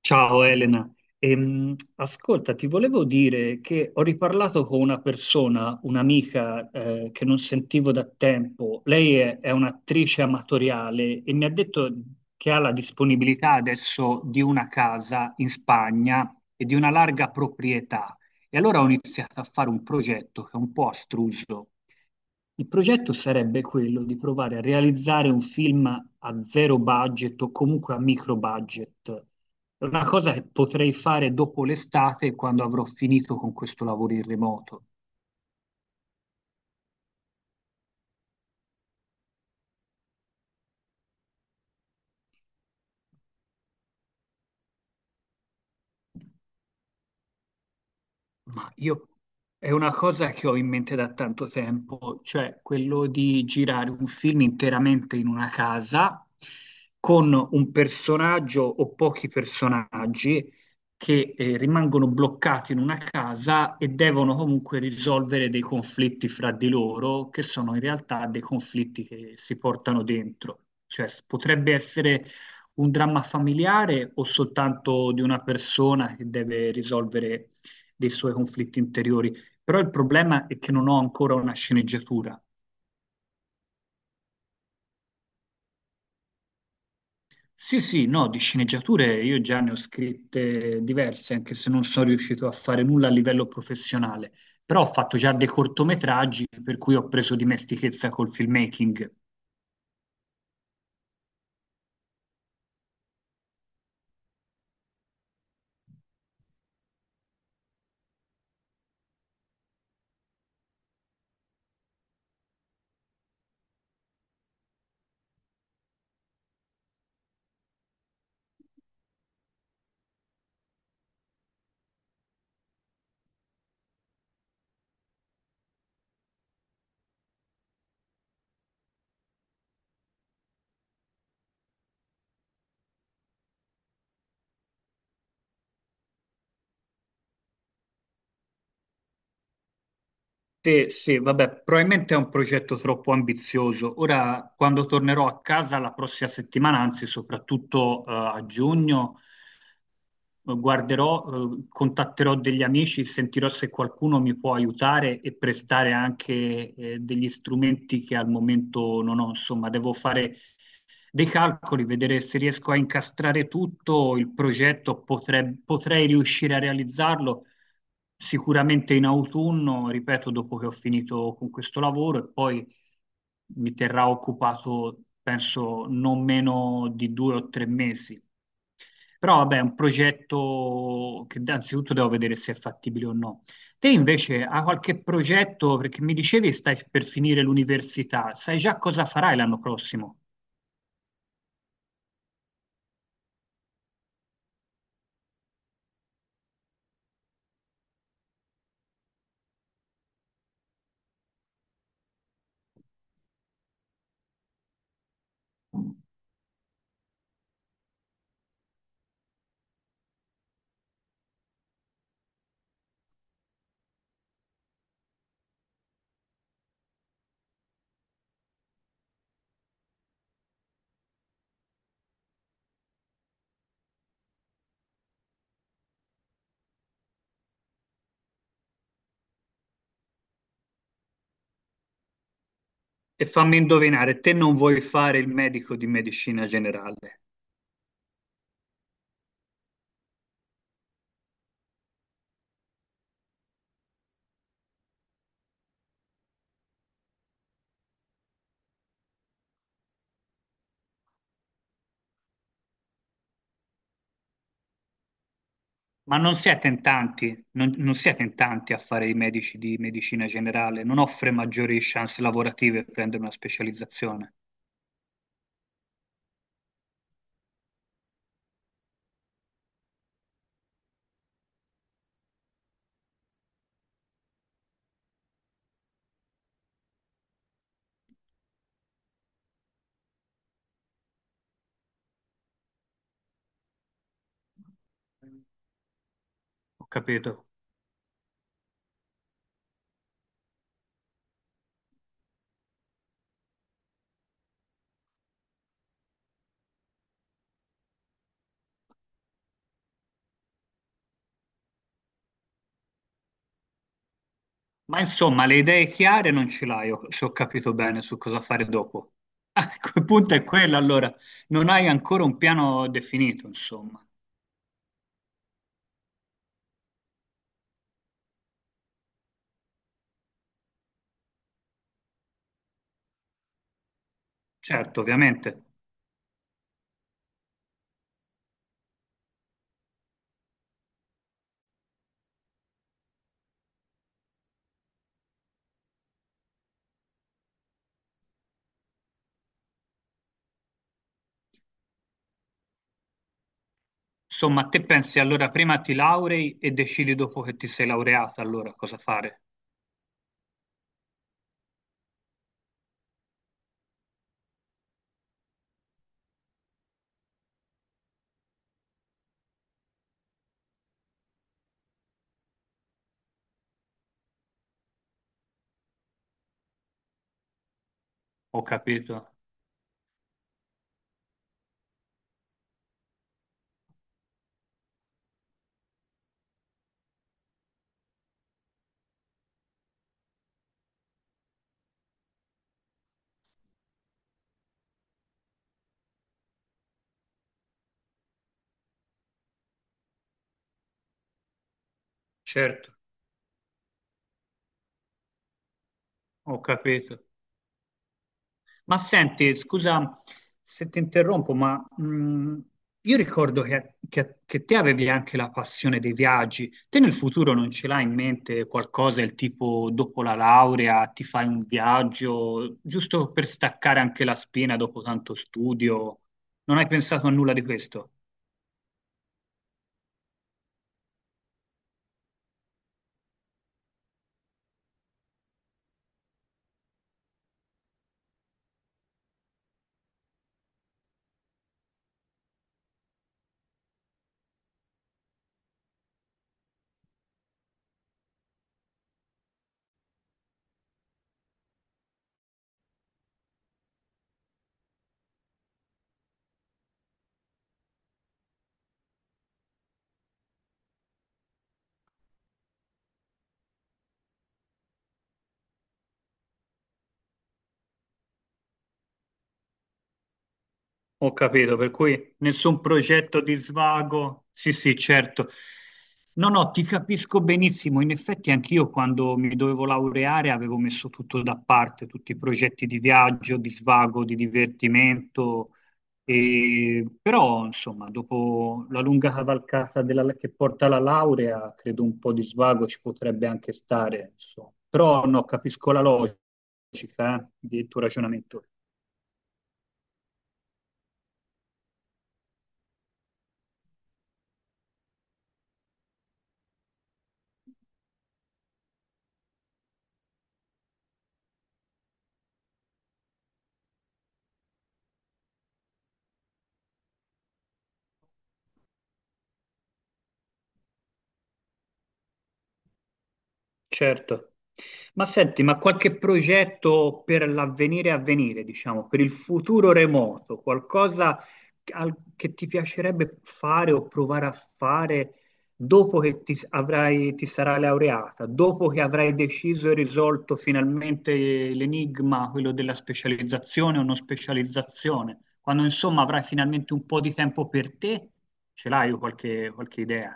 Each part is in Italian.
Ciao Elena. Ascolta, ti volevo dire che ho riparlato con una persona, un'amica che non sentivo da tempo. Lei è un'attrice amatoriale e mi ha detto che ha la disponibilità adesso di una casa in Spagna e di una larga proprietà. E allora ho iniziato a fare un progetto che è un po' astruso. Il progetto sarebbe quello di provare a realizzare un film a zero budget o comunque a micro budget. È una cosa che potrei fare dopo l'estate, quando avrò finito con questo lavoro in remoto. Ma io è una cosa che ho in mente da tanto tempo, cioè quello di girare un film interamente in una casa con un personaggio o pochi personaggi che rimangono bloccati in una casa e devono comunque risolvere dei conflitti fra di loro, che sono in realtà dei conflitti che si portano dentro. Potrebbe essere un dramma familiare o soltanto di una persona che deve risolvere dei suoi conflitti interiori. Però il problema è che non ho ancora una sceneggiatura. Sì, sì, no, di sceneggiature io già ne ho scritte diverse, anche se non sono riuscito a fare nulla a livello professionale, però ho fatto già dei cortometraggi per cui ho preso dimestichezza col filmmaking. Sì, sì, vabbè, probabilmente è un progetto troppo ambizioso. Ora, quando tornerò a casa la prossima settimana, anzi soprattutto a giugno, guarderò, contatterò degli amici, sentirò se qualcuno mi può aiutare e prestare anche degli strumenti che al momento non ho. Insomma, devo fare dei calcoli, vedere se riesco a incastrare tutto il progetto, potrei riuscire a realizzarlo sicuramente in autunno, ripeto, dopo che ho finito con questo lavoro e poi mi terrà occupato, penso, non meno di 2 o 3 mesi. Però vabbè, è un progetto che innanzitutto devo vedere se è fattibile o no. Te invece hai qualche progetto, perché mi dicevi stai per finire l'università, sai già cosa farai l'anno prossimo? E fammi indovinare, te non vuoi fare il medico di medicina generale, ma non siete in tanti, non siete in tanti a fare i medici di medicina generale, non offre maggiori chance lavorative per prendere una specializzazione. Ho capito. Ma insomma, le idee chiare non ce l'hai, se ho capito bene su cosa fare dopo. Ah, il punto è quello, allora, non hai ancora un piano definito, insomma. Certo, ovviamente. Insomma, te pensi allora prima ti laurei e decidi dopo che ti sei laureata allora cosa fare. Ho capito, certo, ho capito. Ma senti, scusa se ti interrompo, io ricordo che te avevi anche la passione dei viaggi. Te nel futuro non ce l'hai in mente qualcosa, il tipo dopo la laurea ti fai un viaggio, giusto per staccare anche la spina dopo tanto studio? Non hai pensato a nulla di questo? Ho capito, per cui nessun progetto di svago. Sì, sì, certo. No, no, ti capisco benissimo. In effetti anch'io quando mi dovevo laureare avevo messo tutto da parte, tutti i progetti di viaggio, di svago, di divertimento. Però, insomma, dopo la lunga cavalcata che porta alla laurea, credo un po' di svago ci potrebbe anche stare, insomma. Però no, capisco la logica, del tuo ragionamento. Certo. Ma senti, ma qualche progetto per l'avvenire a venire, diciamo, per il futuro remoto, qualcosa che ti piacerebbe fare o provare a fare dopo che ti sarai laureata, dopo che avrai deciso e risolto finalmente l'enigma, quello della specializzazione o non specializzazione, quando insomma avrai finalmente un po' di tempo per te, ce l'hai qualche, qualche idea?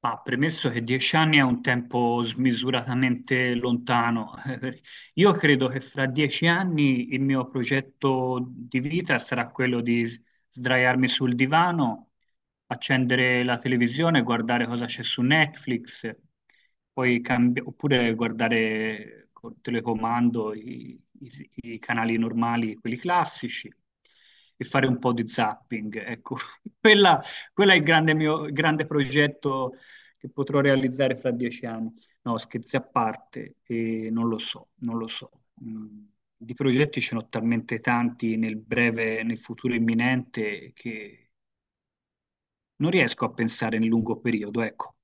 Ma premesso che 10 anni è un tempo smisuratamente lontano, io credo che fra 10 anni il mio progetto di vita sarà quello di sdraiarmi sul divano, accendere la televisione, guardare cosa c'è su Netflix, oppure guardare col telecomando i canali normali, quelli classici, e fare un po' di zapping. Ecco, quella, quello è il grande progetto che potrò realizzare fra 10 anni. No, scherzi a parte, non lo so, non lo so. Mm, Di progetti ce n'ho talmente tanti nel breve, nel futuro imminente, che non riesco a pensare in lungo periodo, ecco.